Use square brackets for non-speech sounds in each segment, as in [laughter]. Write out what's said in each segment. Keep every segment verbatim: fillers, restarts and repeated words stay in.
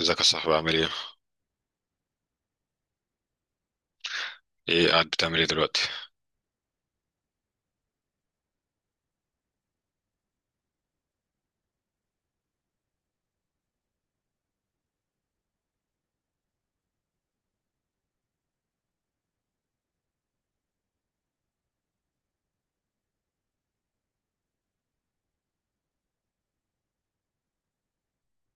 ازيك يا صاحبي؟ عامل ايه؟ ايه، قاعد بتعمل ايه دلوقتي؟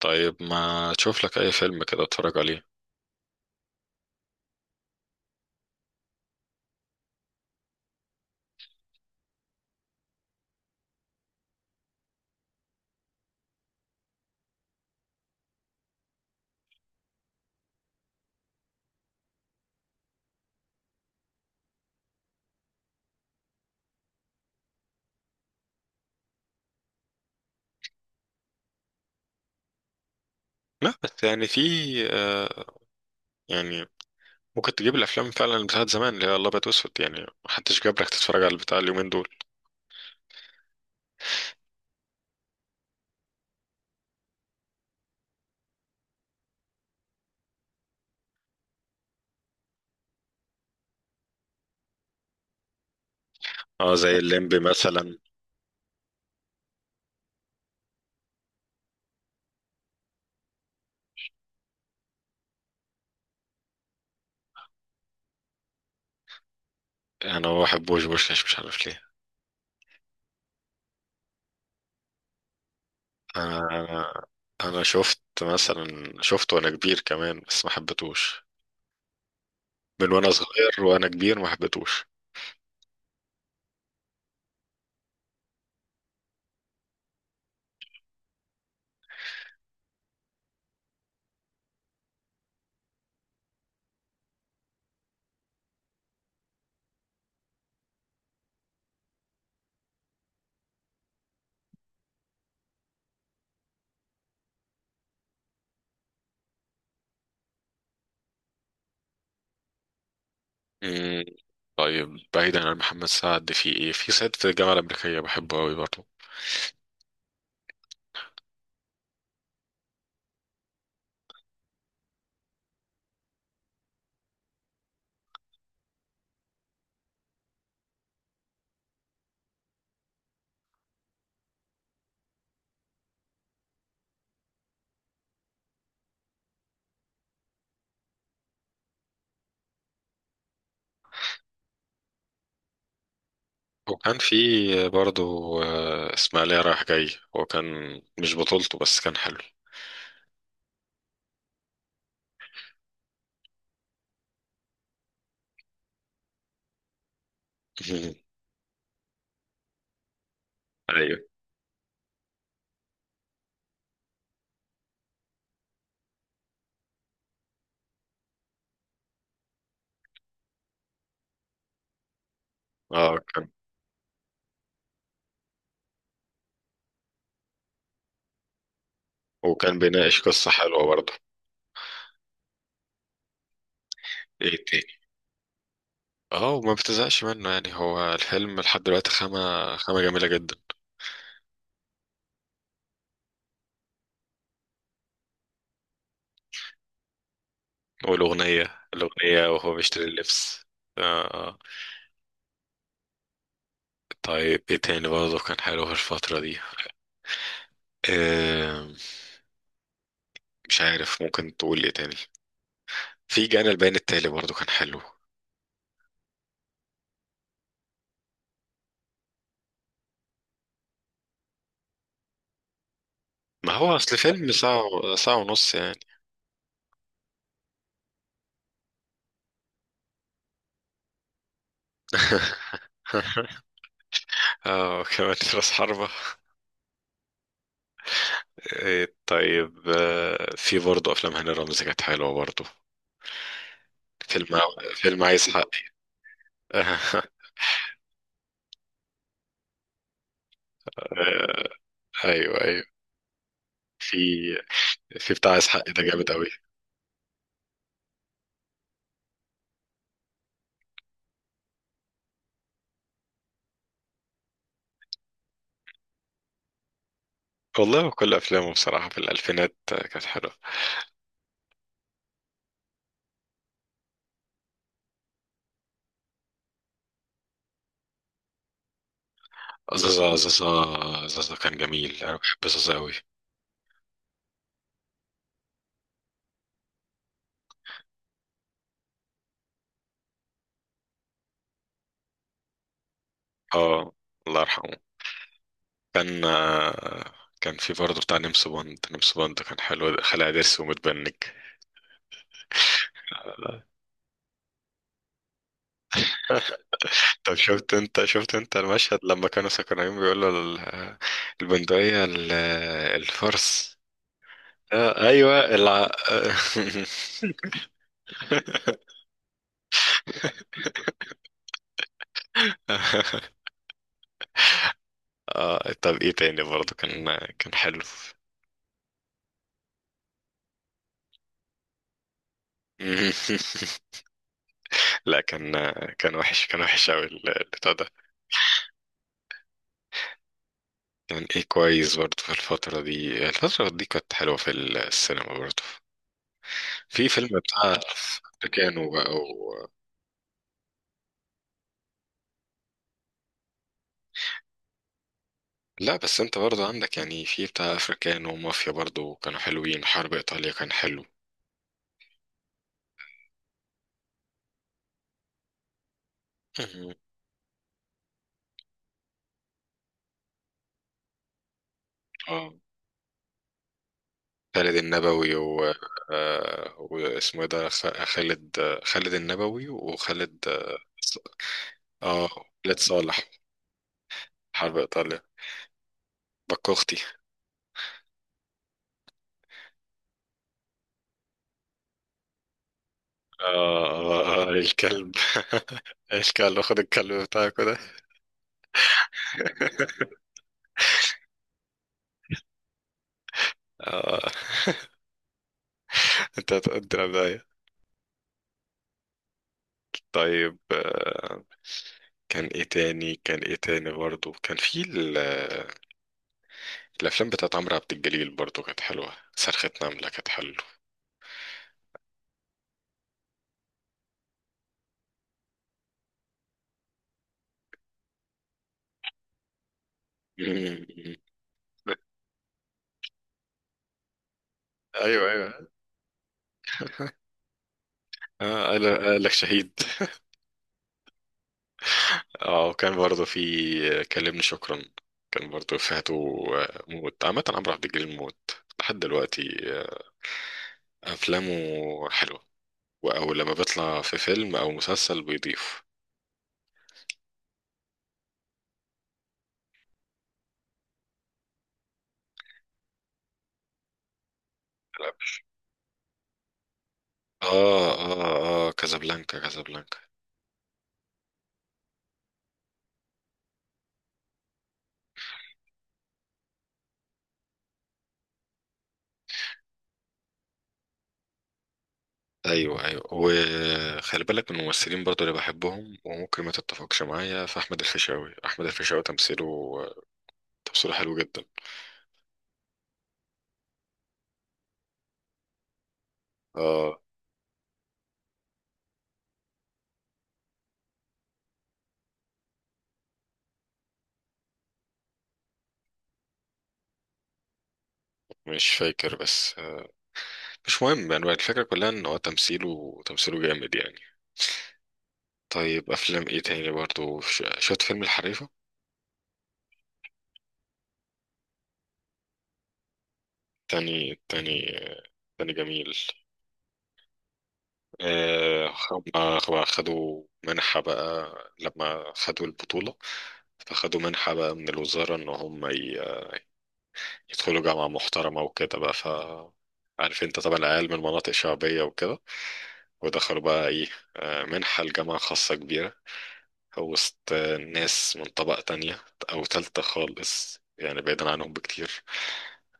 طيب، ما تشوف لك اي فيلم كده اتفرج عليه. لا بس يعني في، آه يعني ممكن تجيب الافلام فعلا اللي بتاعت زمان، اللي هي الابيض واسود، يعني محدش جاب لك تتفرج على البتاع اليومين دول. اه، زي [laughs] الليمبي مثلا. انا ما بحبوش بوشكاش، مش عارف ليه. انا انا شفت، مثلا شفته وانا كبير كمان بس ما حبيتهوش، من وانا صغير وانا كبير ما حبيتهوش. مم. طيب، بعيدا عن محمد سعد، في ايه؟ في صعيدي في الجامعه الامريكيه، بحبه قوي برضه. وكان في برضو آه، إسماعيلية رايح جاي. هو كان مش بطولته بس كان حلو. [laughs] أيوة. اه كان. وكان بيناقش قصة حلوة برضه. ايه تاني؟ اه، وما بتزهقش منه، يعني هو الفيلم لحد دلوقتي خامة، خامة جميلة جدا. والأغنية. الأغنية وهو بيشتري اللبس. آه. آه. طيب، ايه تاني برضه كان حلو في الفترة دي؟ آه مش عارف، ممكن تقول ايه تاني. في جانا البيان التالي برضه كان حلو. ما هو أصل فيلم ساعة، ساعة ونص يعني. [laughs] اه كمان، [laughs] راس حربة. إيه، طيب، آه، في برضه افلام هاني رمزي كانت حلوة برضه. فيلم، فيلم عايز حقي. [laughs] آه. ايوه ايوه. في في بتاع عايز حقي ده جامد قوي. والله كل افلامه بصراحة في الالفينات كانت حلوة. زازا، زازا. زازا كان جميل، انا بحب زازا قوي. اه، الله يرحمه. كان آه، كان في برضه بتاع نمس بوند. نمس بوند كان حلو، خلع ضرس ومتبنج. طب شفت انت، شفت انت المشهد لما كانوا سكرانين بيقولوا ال- البندقية، ال- الفرس. آه ايوه الع... [laughs] آه، طب ايه تاني برضه كان كان حلو. [laughs] لا كان، كان وحش، كان وحش قوي البتاع ده. كان ايه كويس برضه في الفترة دي، الفترة دي كانت حلوة في السينما برضه. في فيلم بتاع افريكانو بقى. لا بس انت برضه عندك يعني في بتاع افريكانو ومافيا برضه، كانوا حلوين. حرب ايطاليا كان حلو. مهم. اه، خالد النبوي و، آه، واسمه ايه ده، خ- خالد. خالد النبوي، وخالد اه آه، خالد صالح. حرب ايطاليا، بكوختي. اه آه، آه، الكلب. [laughs] الكلب، خد الكلب بتاعك ده. اه، [laughs] انت هتقدر ده. طيب، آه، كان ايه تاني؟ كان ايه تاني برضه كان في الافلام بتاعت عمرو عبد الجليل برضو كانت حلوه. صرخة نملة كانت حلوه. مم. ايوه ايوه. اه، قال قال لك شهيد. اه، وكان برضو في كلمني شكرا. كان برضو افهاته. موت عامة، عمرو عبد الجليل موت لحد دلوقتي. آه، افلامه حلوه، او لما بيطلع في فيلم او مسلسل بيضيف. اه اه اه كازابلانكا، كازابلانكا. ايوه ايوه، وخلي بالك من الممثلين برضو اللي بحبهم وممكن ما تتفقش معايا، في احمد الفيشاوي. احمد الفيشاوي تمثيله، تمثيله حلو جدا. اه مش فاكر، بس آه مش مهم، يعني الفكره كلها ان هو تمثيله، تمثيله جامد يعني. طيب، افلام ايه تاني برضو؟ ش- شفت فيلم الحريفه؟ تاني، تاني آه، تاني جميل. آه، هما هما خدوا منحه بقى لما خدوا البطوله، فخدوا منحة بقى من الوزارة إن هم ي- يدخلوا جامعة محترمة وكده بقى. ف، عارف انت طبعا العيال من مناطق شعبية وكده، ودخلوا بقى ايه، آه، منحة لجامعة خاصة كبيرة، وسط آه، ناس من طبقة تانية أو تالتة خالص، يعني بعيدا عنهم بكتير.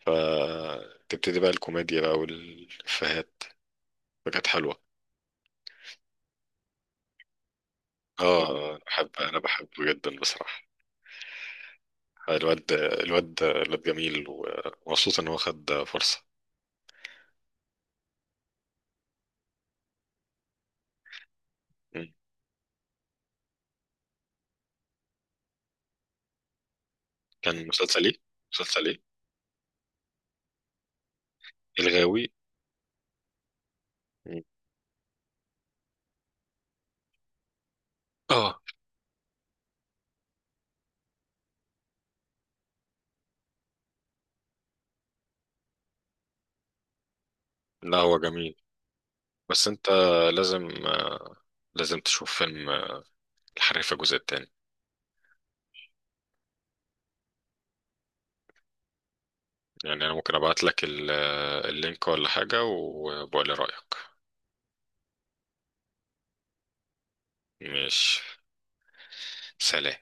فتبتدي بقى الكوميديا بقى والإفيهات، فكانت حلوة. اه، أنا بحب أنا بحبه جدا بصراحة. الواد، الواد الواد جميل، ومبسوط إن هو خد فرصة. مم. كان مسلسل ايه؟ مسلسل ايه؟ الغاوي. مم. اه، لا هو جميل، بس انت لازم، لازم تشوف فيلم الحريفة الجزء التاني. يعني انا ممكن ابعت لك ال- اللينك ولا حاجة، وبقول لي رأيك. مش، سلام.